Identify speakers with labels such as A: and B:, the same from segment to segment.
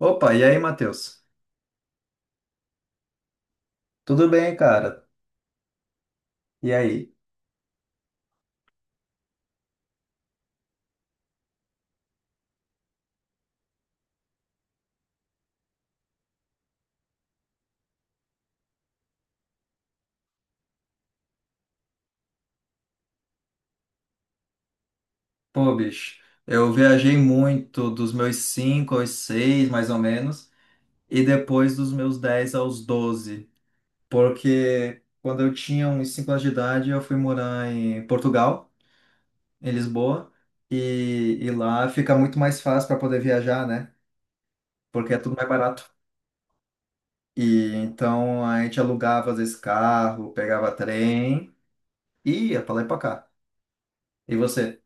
A: Opa, e aí, Matheus? Tudo bem, cara? E aí? Pô, bicho, eu viajei muito dos meus 5 aos 6, mais ou menos, e depois dos meus 10 aos 12, porque quando eu tinha uns 5 anos de idade, eu fui morar em Portugal, em Lisboa, e, e lá fica muito mais fácil para poder viajar, né? Porque é tudo mais barato. E então a gente alugava, às vezes, carro, pegava trem e ia pra lá e pra cá. E você?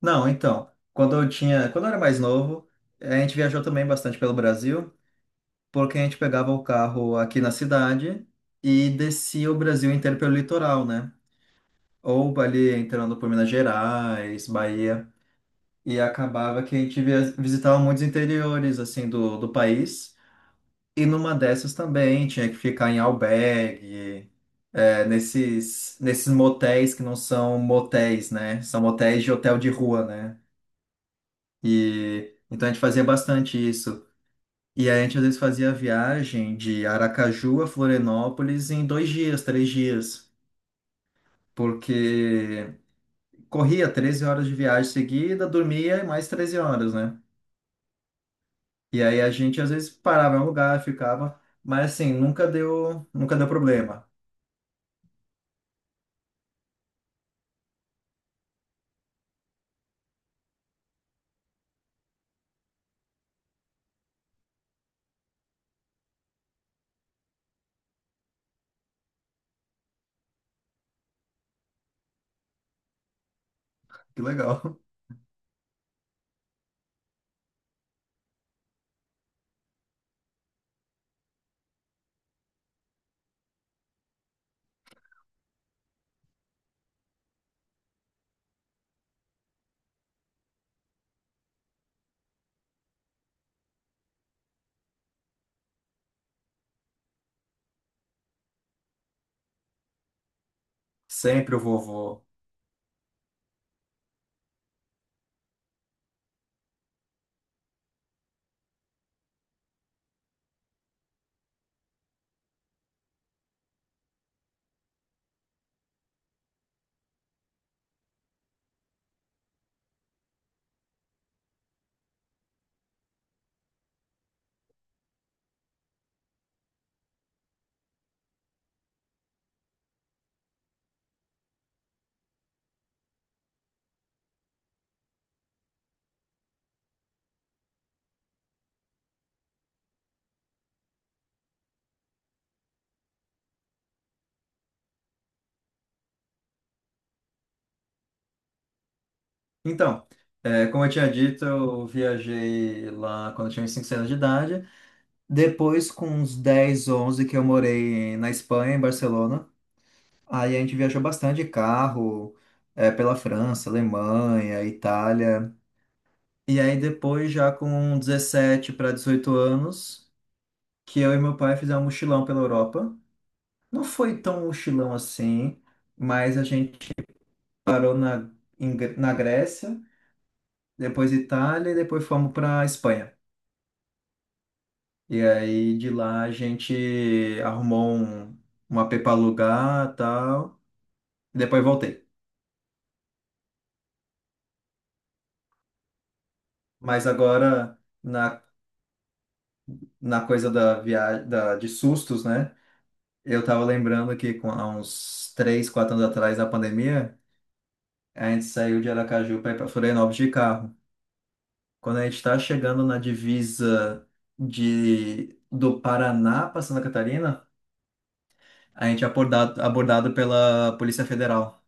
A: Não, então, quando eu era mais novo, a gente viajou também bastante pelo Brasil, porque a gente pegava o carro aqui na cidade e descia o Brasil inteiro pelo litoral, né? Ou ali entrando por Minas Gerais, Bahia, e acabava que a gente visitava muitos interiores assim do país. E numa dessas também tinha que ficar em albergue, é, nesses motéis que não são motéis, né? São motéis de hotel de rua, né? E então a gente fazia bastante isso. E aí a gente às vezes fazia a viagem de Aracaju a Florianópolis em 2 dias, 3 dias, porque corria 13 horas de viagem seguida, dormia e mais 13 horas, né? E aí a gente às vezes parava em um lugar, ficava, mas assim, nunca deu problema. Que legal. Sempre o vovô. Então, é, como eu tinha dito, eu viajei lá quando eu tinha uns 5 anos de idade. Depois, com uns 10, 11 que eu morei na Espanha, em Barcelona, aí a gente viajou bastante de carro, pela França, Alemanha, Itália. E aí depois, já com 17 para 18 anos, que eu e meu pai fizemos um mochilão pela Europa. Não foi tão um mochilão assim, mas a gente parou na Grécia, depois Itália e depois fomos para Espanha. E aí de lá a gente arrumou um AP para alugar e tal. E depois voltei. Mas agora, na coisa da viagem, de sustos, né? Eu tava lembrando que há uns 3, 4 anos atrás, da pandemia, a gente saiu de Aracaju para ir para Florianópolis de carro. Quando a gente está chegando na divisa do Paraná para Santa Catarina, a gente é abordado pela Polícia Federal.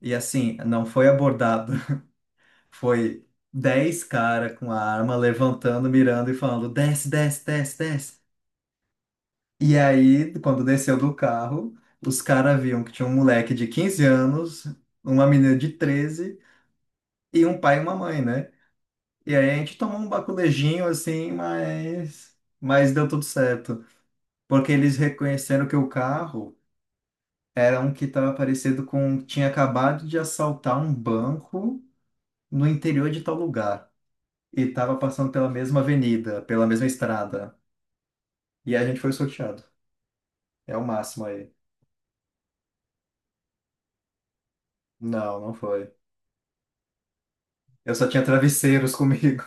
A: E assim, não foi abordado, foi 10 cara com a arma levantando, mirando e falando: desce, desce, desce, desce. E aí, quando desceu do carro, os caras viam que tinha um moleque de 15 anos, uma menina de 13 e um pai e uma mãe, né? E aí a gente tomou um baculejinho assim, mas deu tudo certo. Porque eles reconheceram que o carro era um que estava parecido com. Tinha acabado de assaltar um banco no interior de tal lugar. E estava passando pela mesma avenida, pela mesma estrada. E a gente foi sorteado. É o máximo aí. Não, não foi. Eu só tinha travesseiros comigo.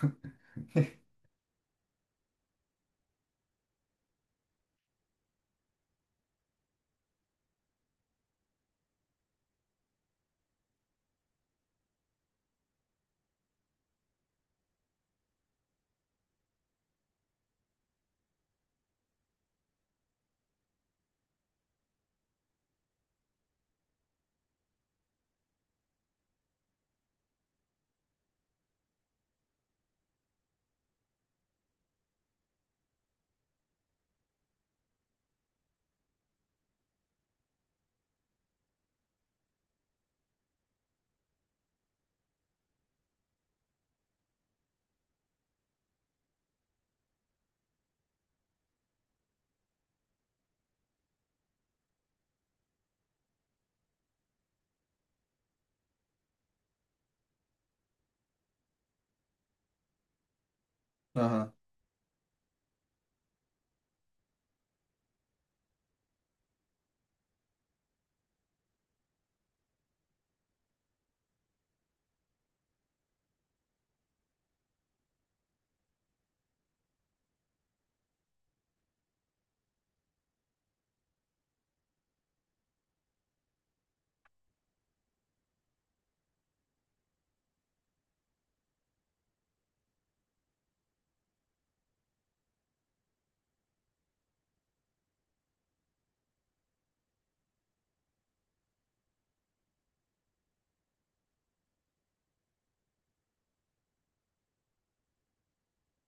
A: Aham.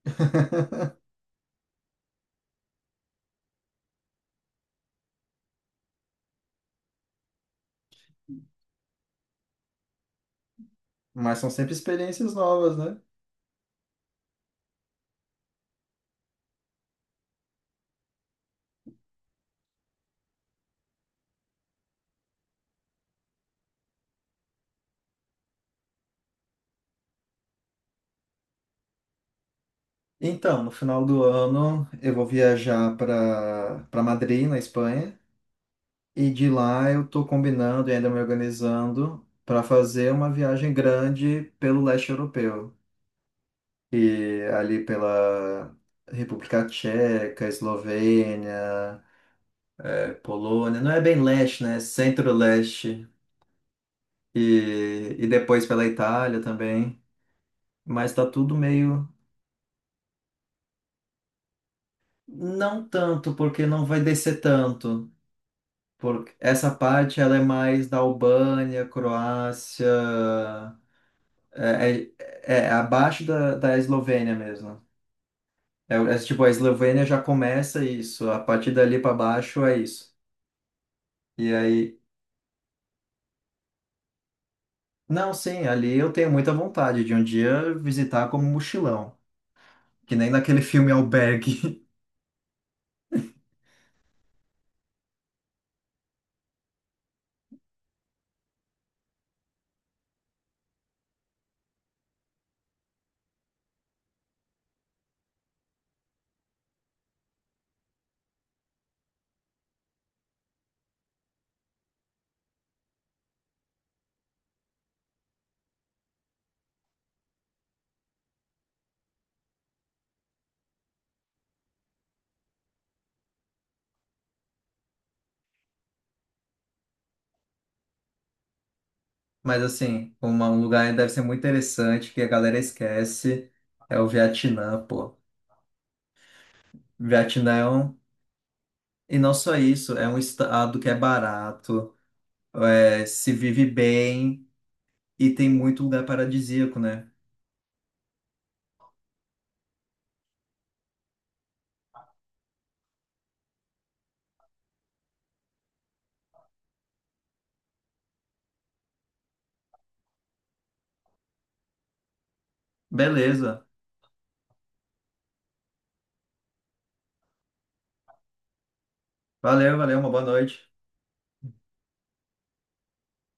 A: Mas são sempre experiências novas, né? Então, no final do ano eu vou viajar para Madrid, na Espanha, e de lá eu tô combinando e ainda me organizando para fazer uma viagem grande pelo leste europeu. E ali pela República Tcheca, Eslovênia, Polônia, não é bem leste, né? É Centro-leste. E depois pela Itália também. Mas tá tudo meio. Não tanto, porque não vai descer tanto. Porque essa parte ela é mais da Albânia, Croácia, é, é, é abaixo da Eslovênia mesmo. É, tipo, a Eslovênia já começa isso, a partir dali para baixo é isso. E aí, não, sim, ali eu tenho muita vontade de um dia visitar como mochilão, que nem naquele filme Albergue. Mas assim, um lugar deve ser muito interessante que a galera esquece é o Vietnã, pô. Vietnã é um. E não só isso, é um estado que é barato, é, se vive bem e tem muito lugar paradisíaco, né? Beleza. Valeu, valeu, uma boa noite.